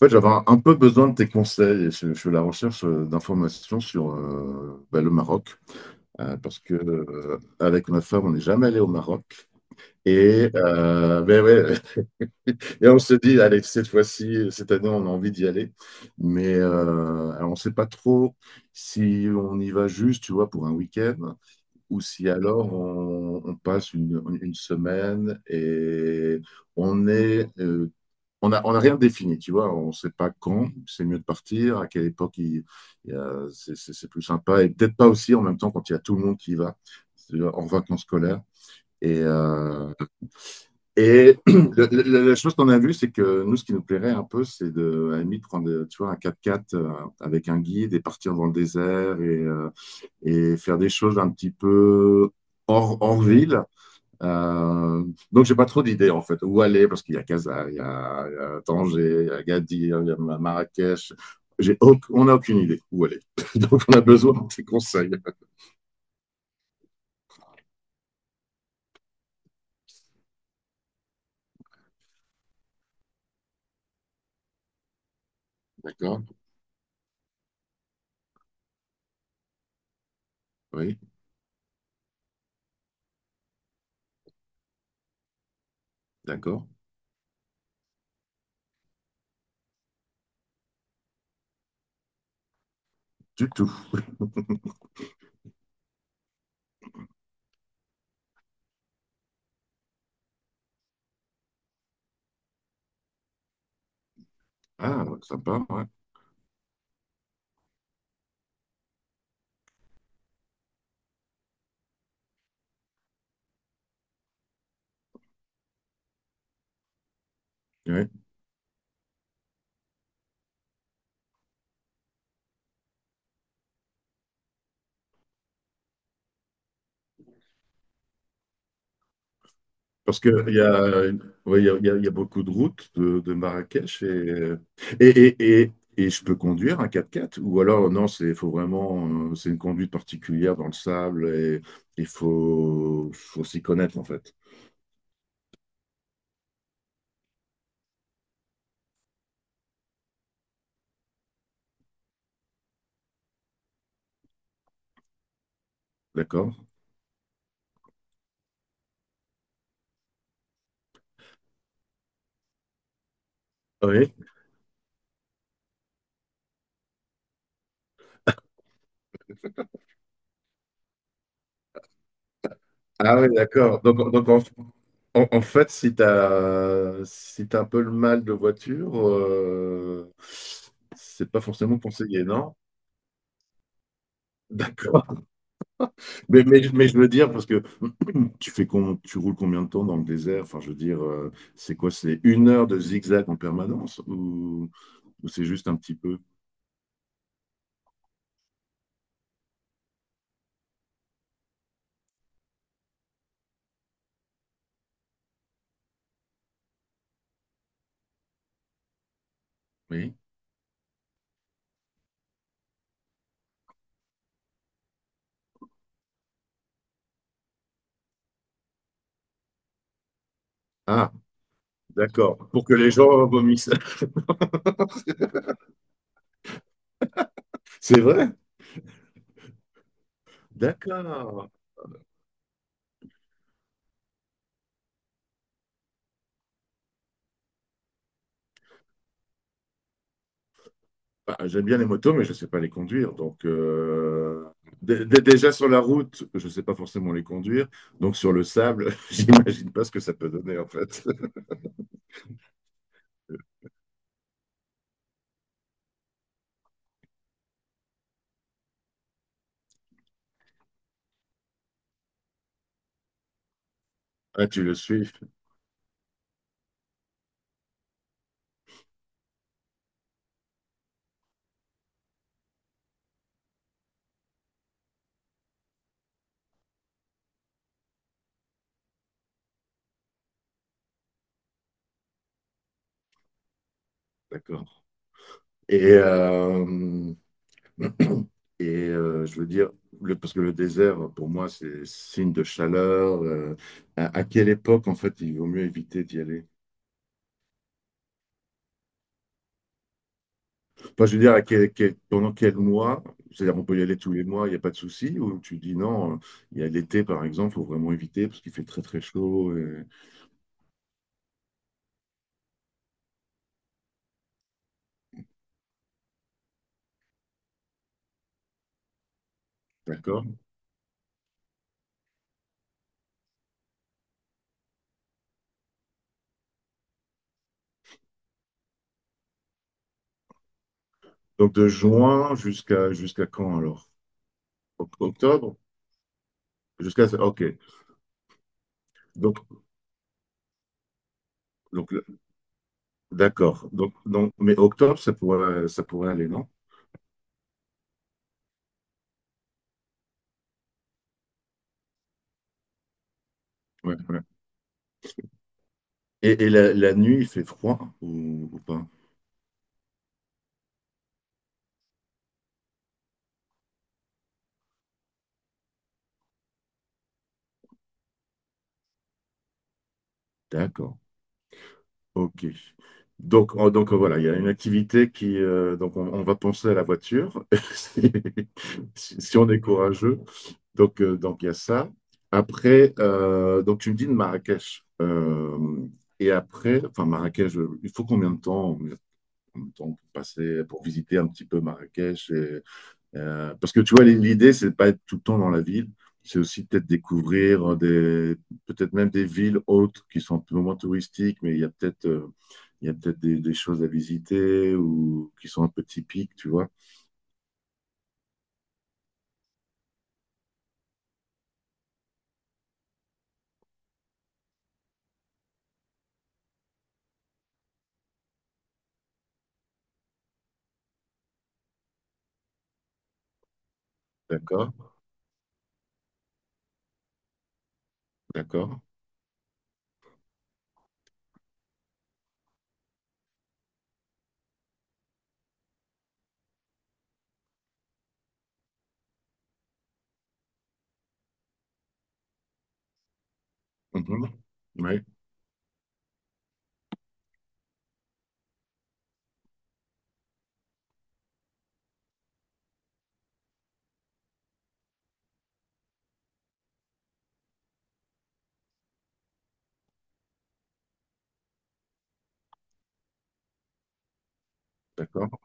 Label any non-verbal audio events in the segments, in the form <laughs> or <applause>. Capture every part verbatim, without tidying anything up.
En fait, j'avais un un peu besoin de tes conseils. Je, je suis à la recherche euh, d'informations sur euh, bah, le Maroc. Euh, parce que euh, avec ma femme, on n'est jamais allé au Maroc. Et, euh, ben ouais, <laughs> et on se dit, allez, cette fois-ci, cette année, on a envie d'y aller. Mais euh, alors, on ne sait pas trop si on y va juste, tu vois, pour un week-end, ou si alors on, on passe une, une semaine et on est, euh, on a, on a rien défini, tu vois, on sait pas quand c'est mieux de partir, à quelle époque il- il y a- c'est c'est- c'est plus sympa, et peut-être pas aussi en même temps quand il y a tout le monde qui y va, c'est-à-dire en vacances scolaires. Et, euh, et <clears throat> le- le- le- la chose qu'on a vue, c'est que nous, ce qui nous plairait un peu, c'est de, à la limite, prendre, tu vois, un quatre quatre euh, avec un guide et partir dans le désert et, euh, et faire des choses un petit peu hors, hors ville. Euh, donc, j'ai pas trop d'idées en fait. Où aller? Parce qu'il y a Casa, il y a, il y a Tanger, il y a Agadir, il y a Marrakech. J'ai auc- on n'a aucune idée où aller. <laughs> Donc, on a besoin de tes conseils. D'accord? Oui, d'accord. Du tout. Ah, sympa, ouais. Ouais. Parce qu'il y a, une- ouais, il y a, il y a- il y a beaucoup de routes de, de Marrakech et, et, et, et, et je peux conduire un quatre-quatre ou alors non, c'est faut vraiment euh, c'est une conduite particulière dans le sable et il faut, faut s'y connaître en fait. D'accord? Oui. Ah oui, d'accord. Donc, donc en, en- en fait, si tu as, si t'as un peu le mal de voiture, euh, c'est pas forcément conseillé, non? D'accord. Mais, mais, mais je veux dire, parce que <clears throat> tu fais com- tu roules combien de temps dans le désert? Enfin, je veux dire, euh, c'est quoi? C'est une heure de zigzag en permanence ou, ou c'est juste un petit peu? Oui. Ah, d'accord. Pour que les gens vomissent. <laughs> C'est vrai? D'accord. Bah, j'aime bien les motos, mais je ne sais pas les conduire. Donc, euh, dé- dé- déjà sur la route, je ne sais pas forcément les conduire. Donc, sur le sable, <laughs> j'imagine pas ce que ça peut donner en fait. <laughs> Ah, tu le suis? D'accord. Et, euh, Et euh, je veux dire, le- parce que le désert, pour moi, c'est signe de chaleur. euh, à, à quelle époque, en fait, il vaut mieux éviter d'y aller? Enfin, je veux dire, à quel- quel- pendant quel mois? C'est-à-dire, on peut y aller tous les mois, il n'y a pas de souci? Ou tu dis non, euh, il y a l'été, par exemple, il faut vraiment éviter parce qu'il fait très, très chaud. et- D'accord? Donc, de juin jusqu'à jusqu'à quand alors? Oc- Octobre? Jusqu'à... Ok. Donc, donc d'accord. Donc, donc, mais octobre, ça pourrait, ça pourrait aller, non? Ouais, ouais. Et, et la, la nuit, il fait froid ou, ou pas? D'accord. Ok. Donc, en- donc euh, voilà, il y a une activité qui... euh, donc on, on va penser à la voiture, <laughs> si, si on est courageux. Donc, euh, donc il y a ça. Après, euh, donc tu me dis de Marrakech. Euh, et après, enfin Marrakech, euh, il faut combien de temps, combien de temps pour passer, pour visiter un petit peu Marrakech. Euh, parce que tu vois, l'idée, c'est de pas être tout le temps dans la ville. C'est aussi peut-être découvrir des, peut-être même des villes autres qui sont un peu moins touristiques, mais il y a peut-être, euh, il y a peut-être des, des choses à visiter ou qui sont un peu typiques, tu vois. D'accord, d'accord. Mhm. Oui, d'accord.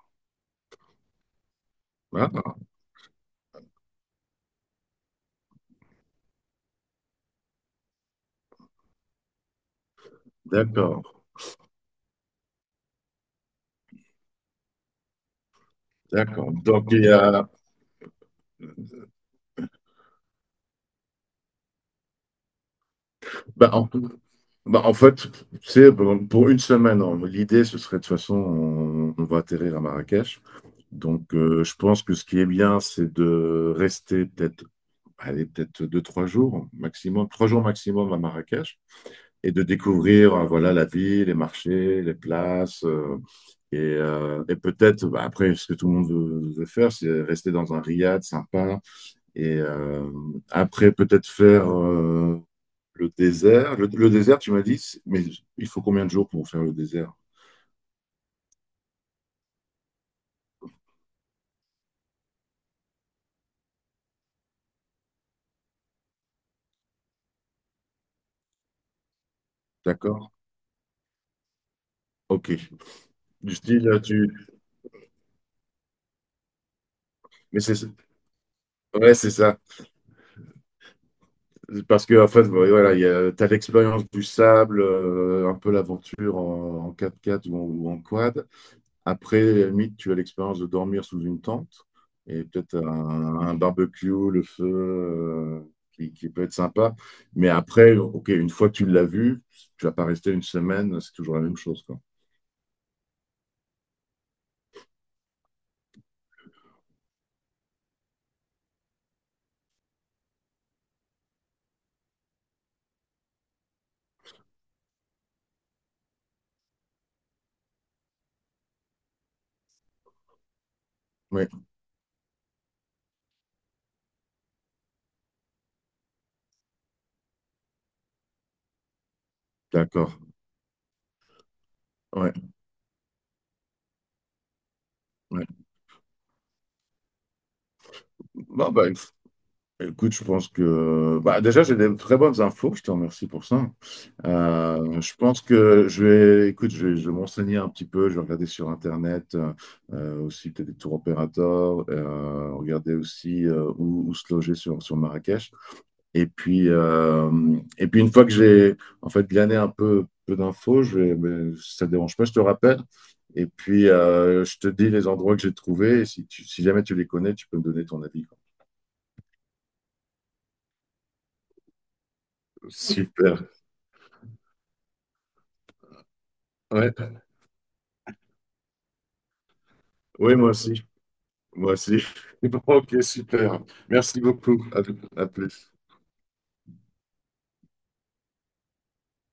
Ah, d'accord, d'accord. Donc, il y a- bah, en, bah, en fait, c'est pour une semaine, hein. L'idée, ce serait de toute façon, on, on va atterrir à Marrakech. Donc, euh, je pense que ce qui est bien, c'est de rester peut-être, allez, peut-être deux, trois jours maximum, trois jours maximum à Marrakech et de découvrir, euh, voilà, la ville, les marchés, les places. euh, et euh, et peut-être, bah, après, ce que tout le monde veut, veut faire, c'est rester dans un riad sympa. Et euh, après, peut-être faire euh, le désert. Le, le désert, tu m'as dit, mais il faut combien de jours pour faire le désert? D'accord? Ok. Du style, euh, tu. Mais c'est ouais, c'est ça. Parce que en fait, ouais, voilà, il y a- t'as l'expérience du sable, euh, un peu l'aventure en, en quatre x ou en, ou en quad. Après, à la limite, tu as l'expérience de dormir sous une tente et peut-être un, un barbecue, le feu, euh, qui, qui peut être sympa. Mais après, ok, une fois que tu l'as vu, tu vas pas rester une semaine, c'est toujours la même chose, quoi. Oui, d'accord. Ouais, ouais. Bon, bah, écoute, je pense que bah, déjà j'ai des très bonnes infos, je te remercie pour ça. Euh, je pense que je vais, écoute, je vais, je vais me un petit peu, je vais regarder sur Internet euh, euh, aussi peut-être des tours opérateurs, euh, regarder aussi euh, où, où se loger sur, sur Marrakech. Et puis, euh, et puis une fois que j'ai en fait glané un peu, peu d'infos, je vais, mais si ça ne dérange pas, je te rappelle. Et puis euh, je te dis les endroits que j'ai trouvés. Et si, tu- si jamais tu les connais, tu peux me donner ton avis, quoi. Super. Ouais. Oui, moi aussi. Moi aussi. <laughs> Ok, super. Merci beaucoup. À à plus.